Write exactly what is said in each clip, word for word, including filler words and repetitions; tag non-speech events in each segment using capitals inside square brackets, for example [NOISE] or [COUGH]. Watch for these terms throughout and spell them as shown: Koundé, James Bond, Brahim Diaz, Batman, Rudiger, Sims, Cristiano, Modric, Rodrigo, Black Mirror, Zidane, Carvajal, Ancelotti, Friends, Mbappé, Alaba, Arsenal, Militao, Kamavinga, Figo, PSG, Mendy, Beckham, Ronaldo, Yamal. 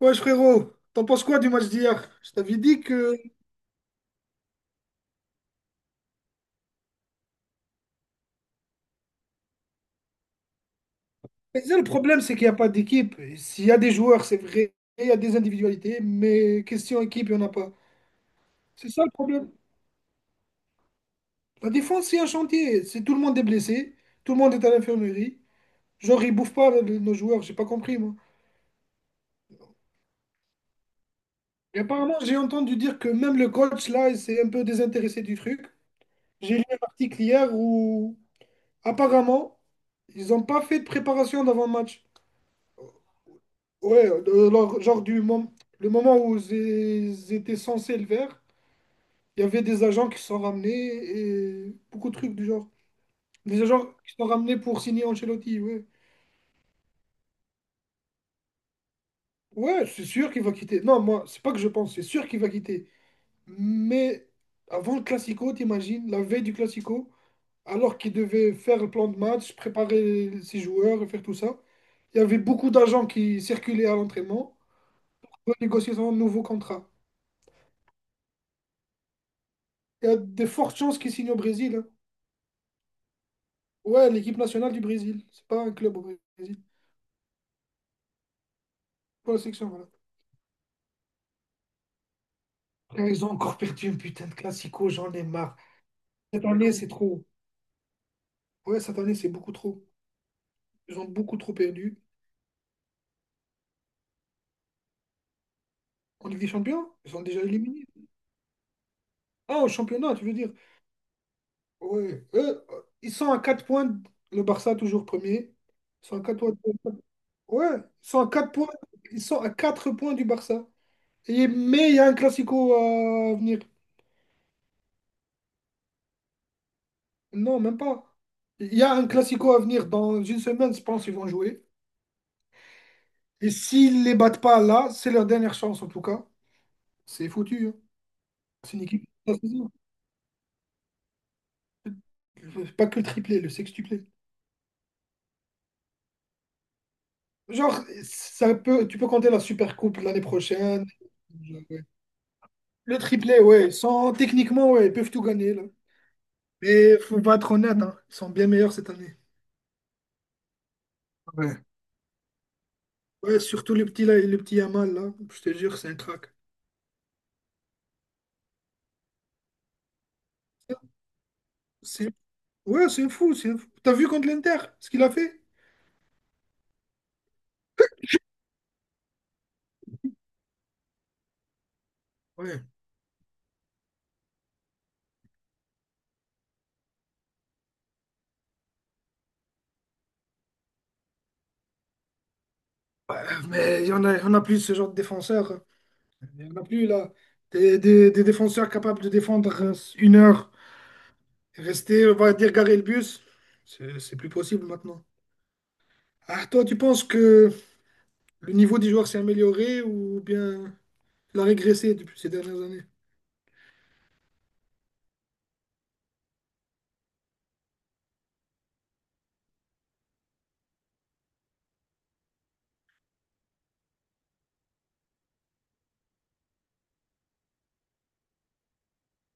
Ouais, frérot, t'en penses quoi du match d'hier? Je t'avais dit que. Mais ça, le problème, c'est qu'il n'y a pas d'équipe. S'il y a des joueurs, c'est vrai, il y a des individualités, mais question équipe, il n'y en a pas. C'est ça le problème. La défense, c'est un chantier. C'est tout le monde est blessé, tout le monde est à l'infirmerie. Genre, ils bouffent pas le- nos joueurs, j'ai pas compris, moi. Et apparemment, j'ai entendu dire que même le coach, là, il s'est un peu désintéressé du truc. J'ai lu un article hier où, apparemment, ils n'ont pas fait de préparation d'avant le match. Ouais, euh, alors, genre du moment, le moment où j'ai- j'étais censé le faire, il y avait des agents qui se sont ramenés et beaucoup de trucs du genre. Des agents qui se sont ramenés pour signer Ancelotti, ouais. Ouais, c'est sûr qu'il va quitter. Non, moi, c'est pas que je pense, c'est sûr qu'il va quitter. Mais avant le Classico, t'imagines, la veille du Classico, alors qu'il devait faire le plan de match, préparer ses joueurs, et faire tout ça, il y avait beaucoup d'agents qui circulaient à l'entraînement pour négocier son nouveau contrat. Il y a de fortes chances qu'il signe au Brésil, hein. Ouais, l'équipe nationale du Brésil. C'est pas un club au Brésil. Pas la section, voilà. Là, ils ont encore perdu un putain de classico, j'en ai marre. Cette année, c'est trop. Ouais, cette année, c'est beaucoup trop. Ils ont beaucoup trop perdu. En Ligue des Champions, ils sont déjà éliminés. Ah, au championnat, tu veux dire. Ouais. Eux, euh, ils sont à quatre points. Le Barça, toujours premier. Ils sont à quatre points. Ouais, ils sont à quatre points. Ils sont à quatre points du Barça. Et- mais il y a un classico à venir. Non, même pas. Il y a un classico à venir. Dans une semaine, je pense qu'ils vont jouer. Et s'ils les battent pas là, c'est leur dernière chance en tout cas. C'est foutu, hein. C'est une équipe. C'est Pas que le triplé, le sextuplé. Genre, ça peut, tu peux compter la Super Coupe l'année prochaine. Ouais. Le triplé, ouais. Ils sont- techniquement, ouais, ils peuvent tout gagner là. Mais faut pas être honnête, hein, ils sont bien meilleurs cette année. Ouais. Ouais, surtout le petit là, le petit Yamal là. Je te jure, c'est un crack. C'est, ouais, c'est fou, c'est fou. T'as vu contre l'Inter ce qu'il a fait? Ouais. Ouais, mais il y en a, il y en a plus ce genre de défenseurs. Il n'y en a plus là. Des, des- des défenseurs capables de défendre euh, une heure, rester, on va dire, garer le bus, c'est c'est plus possible maintenant. Ah, toi, tu penses que le niveau des joueurs s'est amélioré ou bien il a régressé depuis ces dernières années?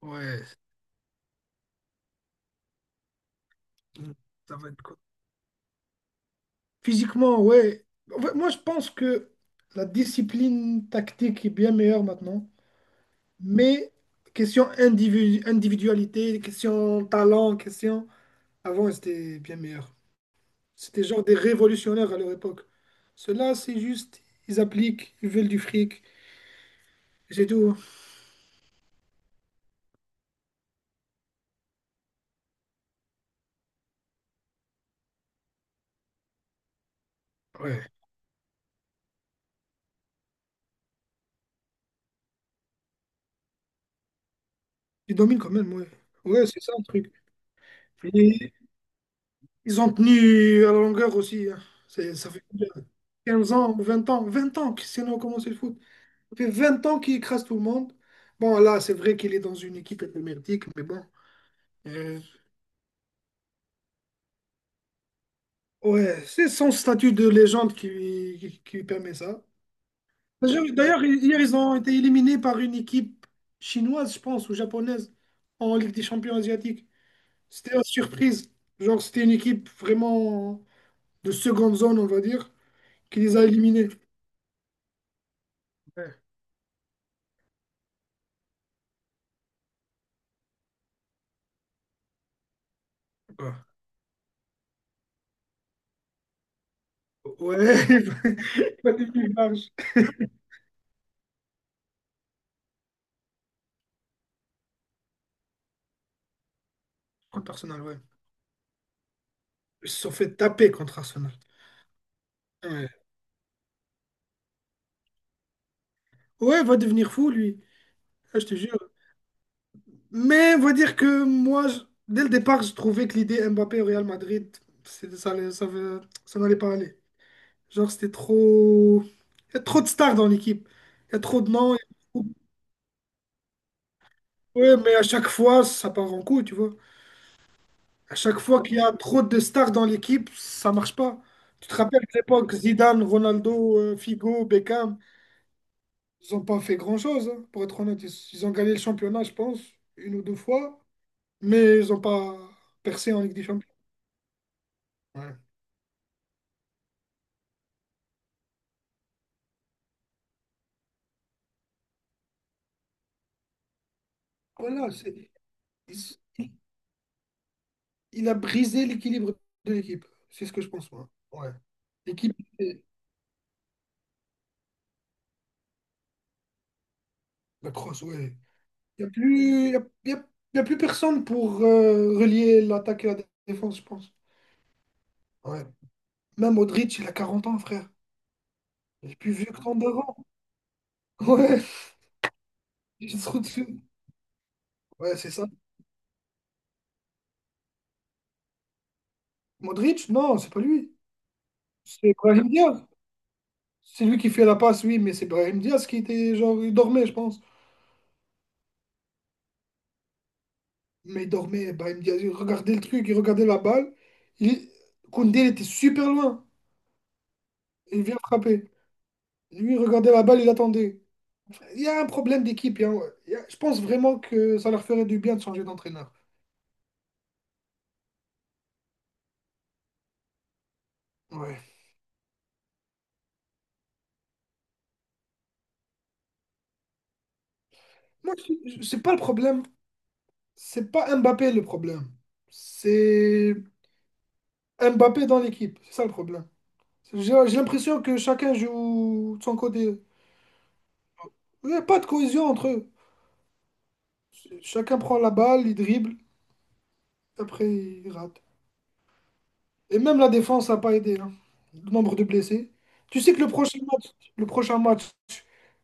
Ouais, ça va être quoi? Physiquement, ouais. En fait, moi, je pense que la discipline tactique est bien meilleure maintenant, mais question individu- individualité, question talent, question. Avant, c'était bien meilleur. C'était genre des révolutionnaires à leur époque. Ceux-là, c'est juste, ils appliquent, ils veulent du fric, et c'est tout. Ouais. Ils dominent quand même, ouais. Ouais, c'est ça le truc. Et ils ont tenu à la longueur aussi, hein. C'est- Ça fait combien, quinze ans, vingt ans, vingt ans que Cristiano a commencé le foot. Ça fait vingt ans qu'il écrase tout le monde. Bon, là, c'est vrai qu'il est dans une équipe émerdique, mais bon. Euh, ouais, c'est son statut de légende qui, qui, qui lui permet ça. Parce que d'ailleurs, hier, ils ont été éliminés par une équipe chinoise, je pense, ou japonaise, en Ligue des Champions asiatiques. C'était la surprise. Genre, c'était une équipe vraiment de seconde zone, on va dire, qui les a éliminés. Ouais. Ouais. [LAUGHS] Pas va devenir large. Contre Arsenal, ouais. Ils se sont fait taper contre Arsenal. Ouais. Ouais, va devenir fou, lui. Ah, je te jure. Mais on va dire que moi, je- dès le départ, je trouvais que l'idée Mbappé au Real Madrid, c'est- ça, allait- ça, veut- ça n'allait pas aller. Genre, c'était trop. Il y a trop de stars dans l'équipe. Il y a trop de noms. Il y a trop de- Ouais, mais à chaque fois, ça part en couille, tu vois. À chaque fois qu'il y a trop de stars dans l'équipe, ça marche pas. Tu te rappelles de l'époque, Zidane, Ronaldo, euh, Figo, Beckham, ils ont pas fait grand-chose, hein, pour être honnête. Ils, ils ont gagné le championnat, je pense, une ou deux fois, mais ils ont pas percé en Ligue des Champions. Ouais. Voilà, c'est- il, il a brisé l'équilibre de l'équipe. C'est ce que je pense, moi. Ouais. L'équipe, c'est- la crosse, ouais. Il n'y a plus, y a, y a- y a plus personne pour euh, relier l'attaque et la défense, je pense. Ouais. Même Modric, il a quarante ans, frère. Il est plus vieux que trente-deux ans. Ouais, [LAUGHS] il se trouve dessus. Ouais, c'est ça. Modric, non, c'est pas lui. C'est Brahim Diaz. C'est lui qui fait la passe, oui, mais c'est Brahim Diaz qui était genre, il dormait, je pense. Mais il dormait, Brahim Diaz, il regardait le truc, il regardait la balle. Il. Koundé, il était super loin. Il vient frapper. Lui, il regardait la balle, il attendait. Il y a un problème d'équipe. il y a- il y a- Je pense vraiment que ça leur ferait du bien de changer d'entraîneur. Ouais. Moi, je- je- c'est pas le problème. C'est pas Mbappé le problème. C'est Mbappé dans l'équipe. C'est ça le problème. J'ai j'ai l'impression que chacun joue de son côté. Il n'y a pas de cohésion entre eux. Chacun prend la balle, il dribble, après il rate. Et même la défense n'a pas aidé, hein. Le nombre de blessés. Tu sais que le prochain match, le prochain match,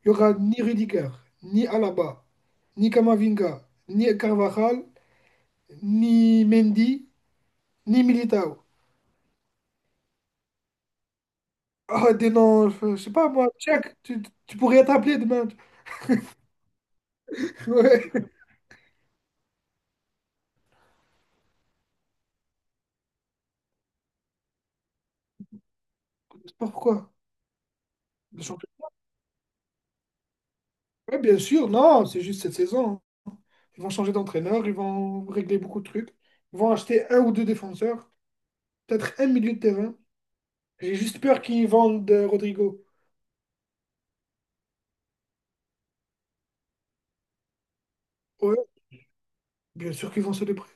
il y aura ni Rudiger, ni Alaba, ni Kamavinga, ni Carvajal, ni Mendy, ni Militao. Ah, des noms, je je sais pas moi, Tchèque, tu, tu pourrais être appelé demain. [LAUGHS] Ouais, je sais pas pourquoi? Le champion- Ouais, bien sûr, non, c'est juste cette saison, hein. Ils vont changer d'entraîneur, ils vont régler beaucoup de trucs. Ils vont acheter un ou deux défenseurs, peut-être un milieu de terrain. J'ai juste peur qu'ils vendent euh, Rodrigo. Ouais, bien sûr qu'ils vont célébrer.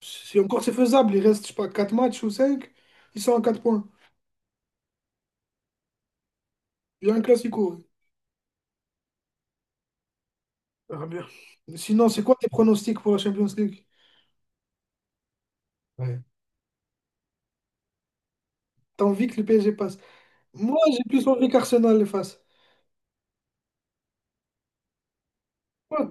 Si encore c'est faisable, il reste, je sais pas, quatre matchs ou cinq. Ils sont à quatre points. Il y a un classico. On verra bien. Sinon, c'est quoi tes pronostics pour la Champions League? Ouais. T'as envie que le P S G passe? Moi, j'ai plus envie qu'Arsenal le fasse. Ouais.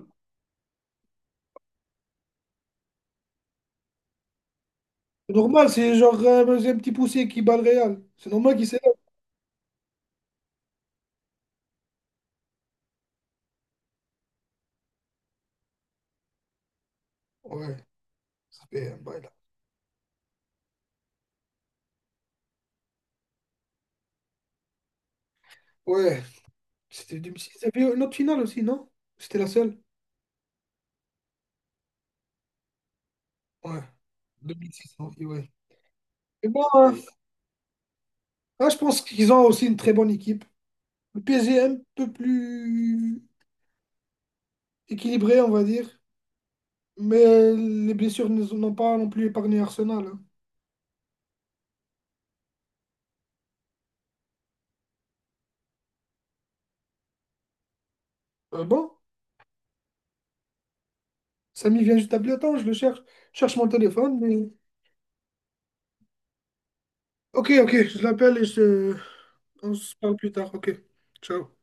C'est normal, c'est genre euh, c'est un petit poussé qui bat le Real. C'est normal qu'il s'élève. Ouais, ça fait un bail là. Ouais, c'était deux mille six. Il y avait une autre finale aussi, non? C'était la seule? Ouais, deux mille six oui, ouais. Et bon, hein. Ah, je pense qu'ils ont aussi une très bonne équipe. Le P S G est un peu plus équilibré, on va dire, mais euh, les blessures ne- n'ont pas non plus épargné Arsenal, hein. Euh, bon, Samy vient juste d'appeler. Attends, je le cherche. Je cherche mon téléphone, mais- ok, ok, je l'appelle et je. On se parle plus tard. Ok, ciao.